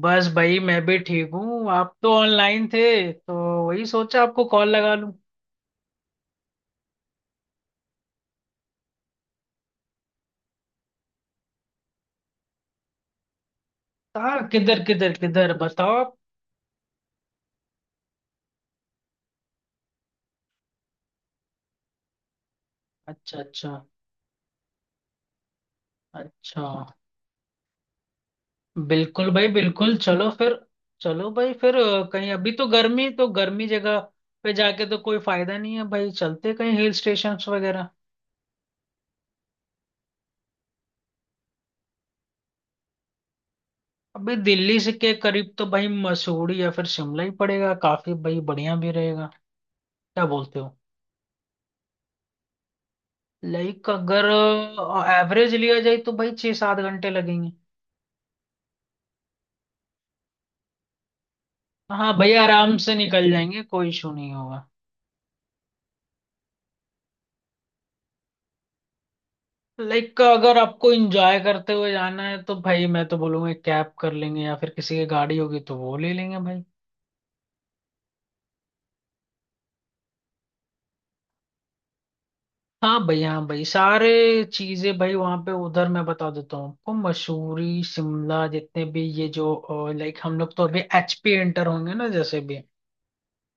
बस भाई मैं भी ठीक हूँ। आप तो ऑनलाइन थे तो वही सोचा आपको कॉल लगा लूँ। कहाँ किधर किधर किधर बताओ आप। अच्छा अच्छा। अच्छा बिल्कुल भाई बिल्कुल, चलो फिर। चलो भाई फिर कहीं अभी तो गर्मी, तो गर्मी जगह पे जाके तो कोई फायदा नहीं है भाई। चलते कहीं हिल स्टेशन वगैरह। अभी दिल्ली से के करीब तो भाई मसूरी या फिर शिमला ही पड़ेगा, काफी भाई बढ़िया भी रहेगा। क्या बोलते हो? लाइक अगर एवरेज लिया जाए तो भाई 6-7 घंटे लगेंगे। हाँ भैया आराम से निकल जाएंगे, कोई इशू नहीं होगा। लाइक अगर आपको एंजॉय करते हुए जाना है तो भाई मैं तो बोलूंगा कैब कर लेंगे, या फिर किसी की गाड़ी होगी तो वो ले लेंगे भाई। हाँ भाई, हाँ भाई, सारे चीजें भाई वहाँ पे उधर, मैं बता देता हूँ आपको। मसूरी शिमला जितने भी ये जो लाइक हम लोग तो अभी एचपी एंटर होंगे ना, जैसे भी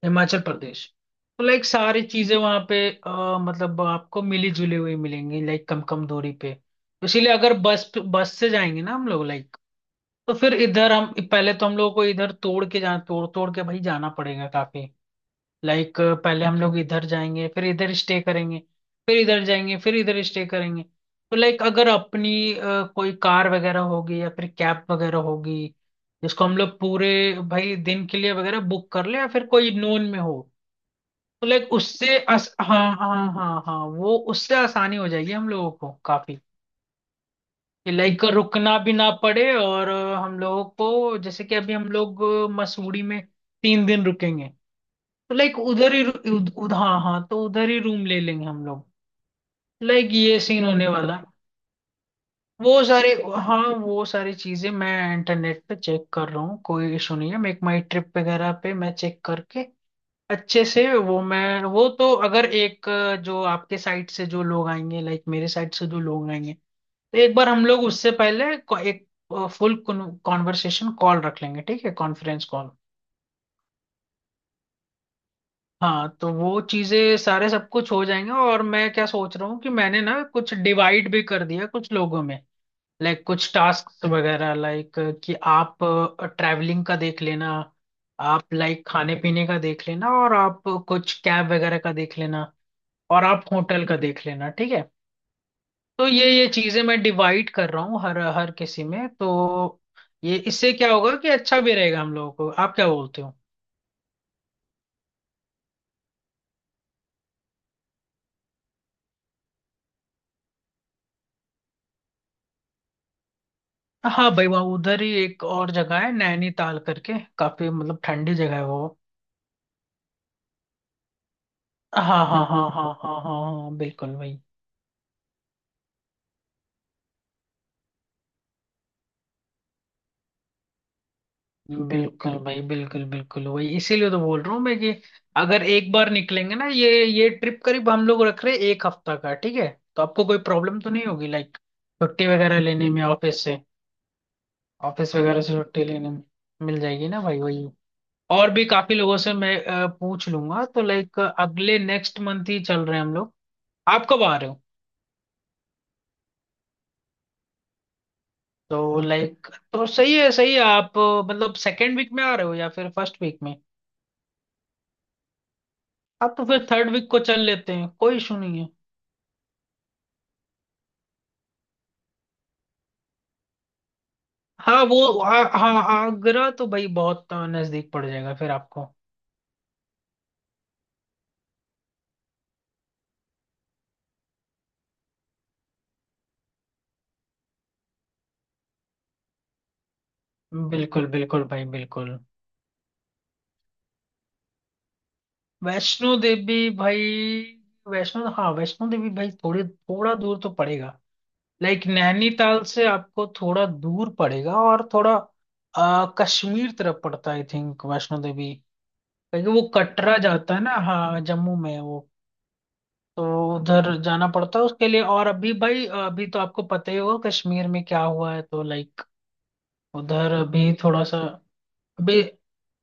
हिमाचल प्रदेश। तो लाइक सारी चीजें वहाँ पे मतलब आपको मिली जुली हुई मिलेंगी लाइक, कम कम दूरी पे। इसीलिए अगर बस बस से जाएंगे ना हम लोग, लाइक तो फिर इधर हम पहले, तो हम लोगों को इधर तोड़ के जाना, तोड़ तोड़ के भाई जाना पड़ेगा काफी। लाइक पहले हम लोग इधर जाएंगे फिर इधर स्टे करेंगे, फिर इधर जाएंगे फिर इधर स्टे करेंगे। तो लाइक अगर अपनी कोई कार वगैरह होगी या फिर कैब वगैरह होगी, जिसको हम लोग पूरे भाई दिन के लिए वगैरह बुक कर ले, या फिर कोई नोन में हो। तो लाइक हाँ हाँ हाँ हाँ, वो उससे आसानी हो जाएगी हम लोगों को काफी। लाइक रुकना भी ना पड़े और हम लोगों को जैसे कि अभी हम लोग मसूरी में 3 दिन रुकेंगे। तो लाइक उधर ही हाँ हाँ, तो उधर ही रूम ले लेंगे हम लोग। लाइक ये सीन होने वाला है। वो सारे, हाँ वो सारी चीजें मैं इंटरनेट पे चेक कर रहा हूँ, कोई इशू नहीं है। मेक माई ट्रिप वगैरह पे मैं चेक करके अच्छे से वो, मैं वो तो अगर एक जो आपके साइड से जो लोग आएंगे, लाइक मेरे साइड से जो लोग आएंगे, तो एक बार हम लोग उससे पहले एक फुल कॉन्वर्सेशन कॉल रख लेंगे ठीक है, कॉन्फ्रेंस कॉल। हाँ तो वो चीजें सारे सब कुछ हो जाएंगे। और मैं क्या सोच रहा हूँ कि मैंने ना कुछ डिवाइड भी कर दिया कुछ लोगों में, लाइक कुछ टास्क वगैरह, लाइक कि आप ट्रैवलिंग का देख लेना, आप लाइक खाने पीने का देख लेना, और आप कुछ कैब वगैरह का देख लेना, और आप होटल का देख लेना, ठीक है। तो ये चीजें मैं डिवाइड कर रहा हूँ हर हर किसी में, तो ये इससे क्या होगा कि अच्छा भी रहेगा हम लोगों को। आप क्या बोलते हो? हाँ भाई वहाँ उधर ही एक और जगह है नैनीताल करके, काफी मतलब ठंडी जगह है वो। हाँ हाँ हाँ हाँ हाँ हाँ हाँ, बिल्कुल भाई। बिल्कुल भाई बिल्कुल बिल्कुल वही, इसीलिए तो बोल रहा हूँ मैं कि अगर एक बार निकलेंगे ना, ये ट्रिप करीब हम लोग रख रहे हैं एक हफ्ता का, ठीक है? तो आपको कोई प्रॉब्लम तो नहीं होगी लाइक छुट्टी वगैरह लेने में ऑफिस से, ऑफिस वगैरह से छुट्टी लेने में मिल जाएगी ना भाई, वही। और भी काफी लोगों से मैं पूछ लूंगा, तो लाइक अगले नेक्स्ट मंथ ही चल रहे हैं हम लोग। आप कब आ रहे हो? तो लाइक तो सही है, सही है। आप मतलब सेकेंड वीक में आ रहे हो या फिर फर्स्ट वीक में? आप तो फिर थर्ड वीक को चल लेते हैं, कोई इशू नहीं है। हाँ वो, हाँ हाँ आगरा तो भाई बहुत नजदीक पड़ जाएगा फिर आपको। बिल्कुल बिल्कुल भाई, बिल्कुल। वैष्णो देवी भाई, वैष्णो हाँ वैष्णो देवी भाई थोड़ी थोड़ा दूर तो पड़ेगा। लाइक नैनीताल से आपको थोड़ा दूर पड़ेगा और थोड़ा कश्मीर तरफ पड़ता है आई थिंक, वैष्णो देवी। क्योंकि वो कटरा जाता है ना, हाँ जम्मू में है वो। तो उधर जाना पड़ता है उसके लिए। और अभी भाई, अभी तो आपको पता ही होगा कश्मीर में क्या हुआ है, तो लाइक उधर अभी थोड़ा सा, अभी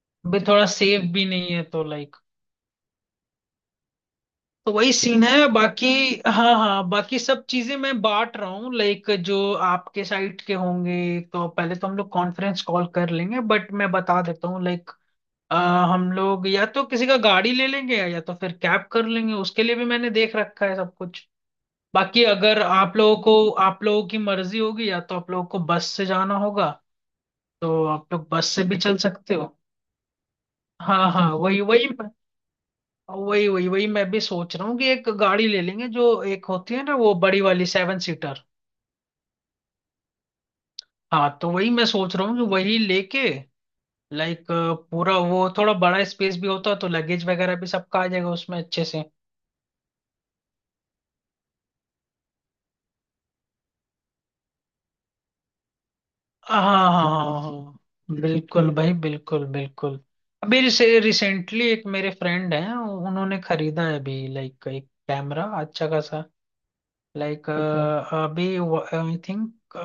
अभी थोड़ा सेफ भी नहीं है तो लाइक, तो वही सीन है बाकी। हाँ हाँ, बाकी सब चीजें मैं बांट रहा हूँ लाइक, जो आपके साइट के होंगे, तो पहले तो हम लोग कॉन्फ्रेंस कॉल कर लेंगे। बट मैं बता देता हूँ लाइक हम लोग या तो किसी का गाड़ी ले लेंगे, या तो फिर कैब कर लेंगे, उसके लिए भी मैंने देख रखा है सब कुछ। बाकी अगर आप लोगों को, आप लोगों की मर्जी होगी, या तो आप लोगों को बस से जाना होगा तो आप लोग बस से भी चल सकते हो। हाँ हाँ वही वही वही वही वही मैं भी सोच रहा हूँ कि एक गाड़ी ले लेंगे जो एक होती है ना, वो बड़ी वाली 7 सीटर। हाँ तो वही मैं सोच रहा हूँ कि वही लेके, लाइक पूरा वो थोड़ा बड़ा स्पेस भी होता तो लगेज वगैरह भी सबका आ जाएगा उसमें अच्छे से। हाँ हाँ हाँ हाँ बिल्कुल भाई बिल्कुल बिल्कुल। अभी रिसेंटली एक मेरे फ्रेंड हैं उन्होंने खरीदा है अभी, लाइक एक कैमरा अच्छा खासा, लाइक अच्छा अभी आई थिंक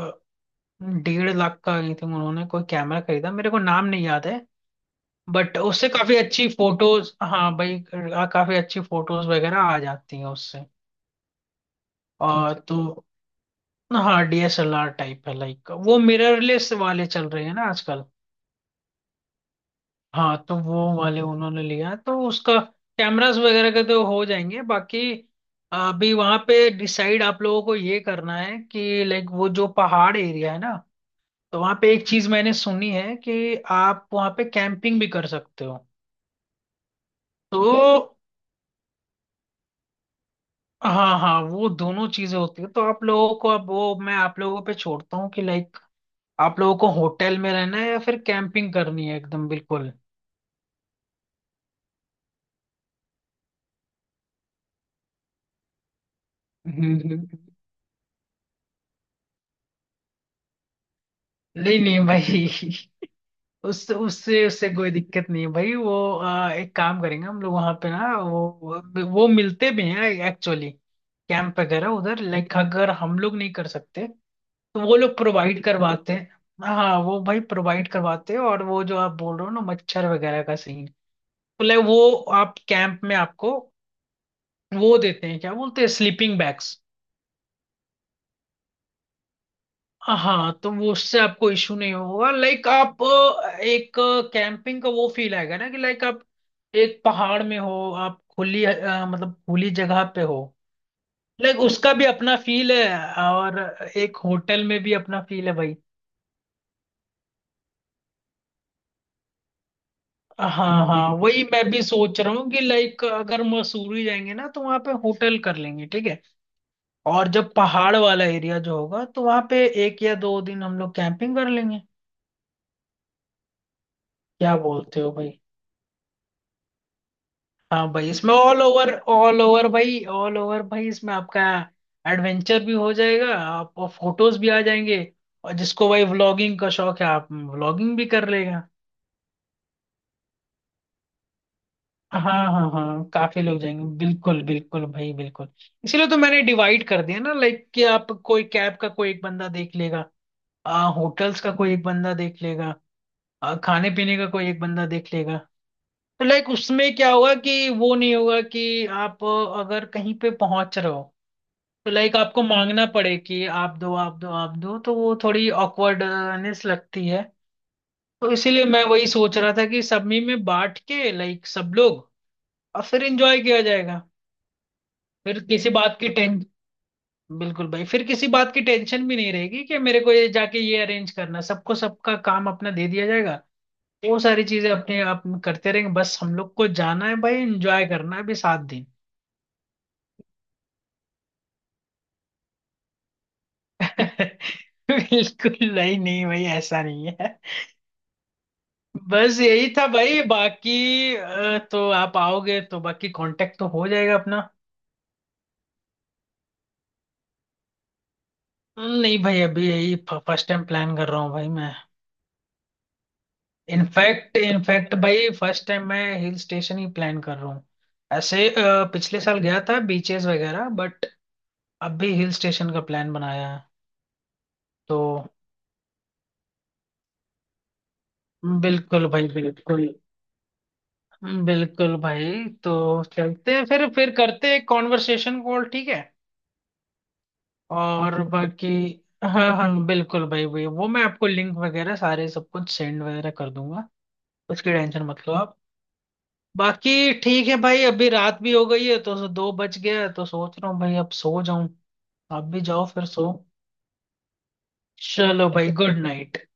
1.5 लाख का। आई थिंक उन्होंने कोई कैमरा खरीदा, मेरे को नाम नहीं याद है। बट उससे काफी अच्छी फोटोज, हाँ भाई, काफी अच्छी फोटोज वगैरह आ जाती हैं उससे। और तो हाँ डीएसएलआर टाइप है, लाइक वो मिररलेस वाले चल रहे हैं ना आजकल। हाँ तो वो वाले उन्होंने लिया, तो उसका कैमरास वगैरह के तो हो जाएंगे बाकी। अभी वहां पे डिसाइड आप लोगों को ये करना है कि लाइक वो जो पहाड़ एरिया है ना, तो वहां पे एक चीज मैंने सुनी है कि आप वहां पे कैंपिंग भी कर सकते हो। तो हाँ हाँ, वो दोनों चीजें होती है, तो आप लोगों को, अब वो मैं आप लोगों पे छोड़ता हूँ कि लाइक आप लोगों को होटल में रहना है या फिर कैंपिंग करनी है, एकदम बिल्कुल। नहीं नहीं भाई, उससे उससे उससे कोई दिक्कत नहीं है भाई। वो एक काम करेंगे हम लोग वहां पे ना, वो मिलते भी हैं एक्चुअली, कैंप वगैरह उधर, लाइक अगर हम लोग नहीं कर सकते तो वो लोग प्रोवाइड करवाते हैं। हाँ वो भाई प्रोवाइड करवाते हैं, और वो जो आप बोल रहे हो ना मच्छर वगैरह का सीन, तो like वो आप कैंप में आपको वो देते हैं, क्या बोलते हैं, स्लीपिंग बैग्स। हाँ तो वो, उससे आपको इशू नहीं होगा लाइक, आप एक कैंपिंग का वो फील आएगा ना कि लाइक आप एक पहाड़ में हो, आप खुली मतलब खुली जगह पे हो। लाइक उसका भी अपना फील है, और एक होटल में भी अपना फील है भाई। हाँ हाँ वही मैं भी सोच रहा हूँ कि लाइक अगर मसूरी जाएंगे ना तो वहां पे होटल कर लेंगे, ठीक है। और जब पहाड़ वाला एरिया जो होगा तो वहां पे 1 या 2 दिन हम लोग कैंपिंग कर लेंगे। क्या बोलते हो भाई! हाँ भाई इसमें ऑल ओवर, ऑल ओवर भाई, ऑल ओवर भाई इसमें आपका एडवेंचर भी हो जाएगा, आप और फोटोज भी आ जाएंगे। और जिसको भाई व्लॉगिंग का शौक है, आप व्लॉगिंग भी कर लेगा। हाँ हाँ हाँ, काफी लोग जाएंगे, बिल्कुल बिल्कुल भाई बिल्कुल। इसीलिए तो मैंने डिवाइड कर दिया ना लाइक, कि आप कोई कैब का कोई एक बंदा देख लेगा, होटल्स का कोई एक बंदा देख लेगा, खाने पीने का कोई एक बंदा देख लेगा। तो लाइक उसमें क्या होगा कि वो नहीं होगा कि आप अगर कहीं पे पहुंच रहे हो तो लाइक आपको मांगना पड़े कि आप दो, आप दो, आप दो, तो वो थोड़ी ऑकवर्डनेस लगती है। तो इसीलिए मैं वही सोच रहा था कि सब में बांट के लाइक सब लोग, और फिर एंजॉय किया जाएगा। फिर किसी बात की टें बिल्कुल भाई, फिर किसी बात की टेंशन भी नहीं रहेगी कि मेरे को ये जाके ये अरेंज करना है। सबको सबका काम अपना दे दिया जाएगा। वो सारी चीजें अपने आप करते रहेंगे, बस हम लोग को जाना है भाई, एंजॉय करना है अभी 7 दिन। बिल्कुल नहीं नहीं भाई, ऐसा नहीं है। बस यही था भाई, बाकी तो आप आओगे तो बाकी कांटेक्ट तो हो जाएगा अपना। नहीं भाई, अभी यही फर्स्ट टाइम प्लान कर रहा हूँ भाई मैं। इनफैक्ट इनफैक्ट भाई फर्स्ट टाइम मैं हिल स्टेशन ही प्लान कर रहा हूँ। ऐसे पिछले साल गया था बीचेस वगैरह बट अभी हिल स्टेशन का प्लान बनाया है तो। बिल्कुल भाई बिल्कुल, बिल्कुल भाई, तो चलते हैं फिर, करते हैं कॉन्वर्सेशन कॉल, ठीक है। और बाकी, हाँ हाँ बिल्कुल भाई, भाई वो मैं आपको लिंक वगैरह सारे सब कुछ सेंड वगैरह कर दूंगा, उसकी टेंशन मत लो आप। बाकी ठीक है भाई, अभी रात भी हो गई है, तो 2 बज गया है, तो सोच रहा हूँ भाई अब सो जाऊं। आप भी जाओ फिर सो। चलो भाई, गुड नाइट।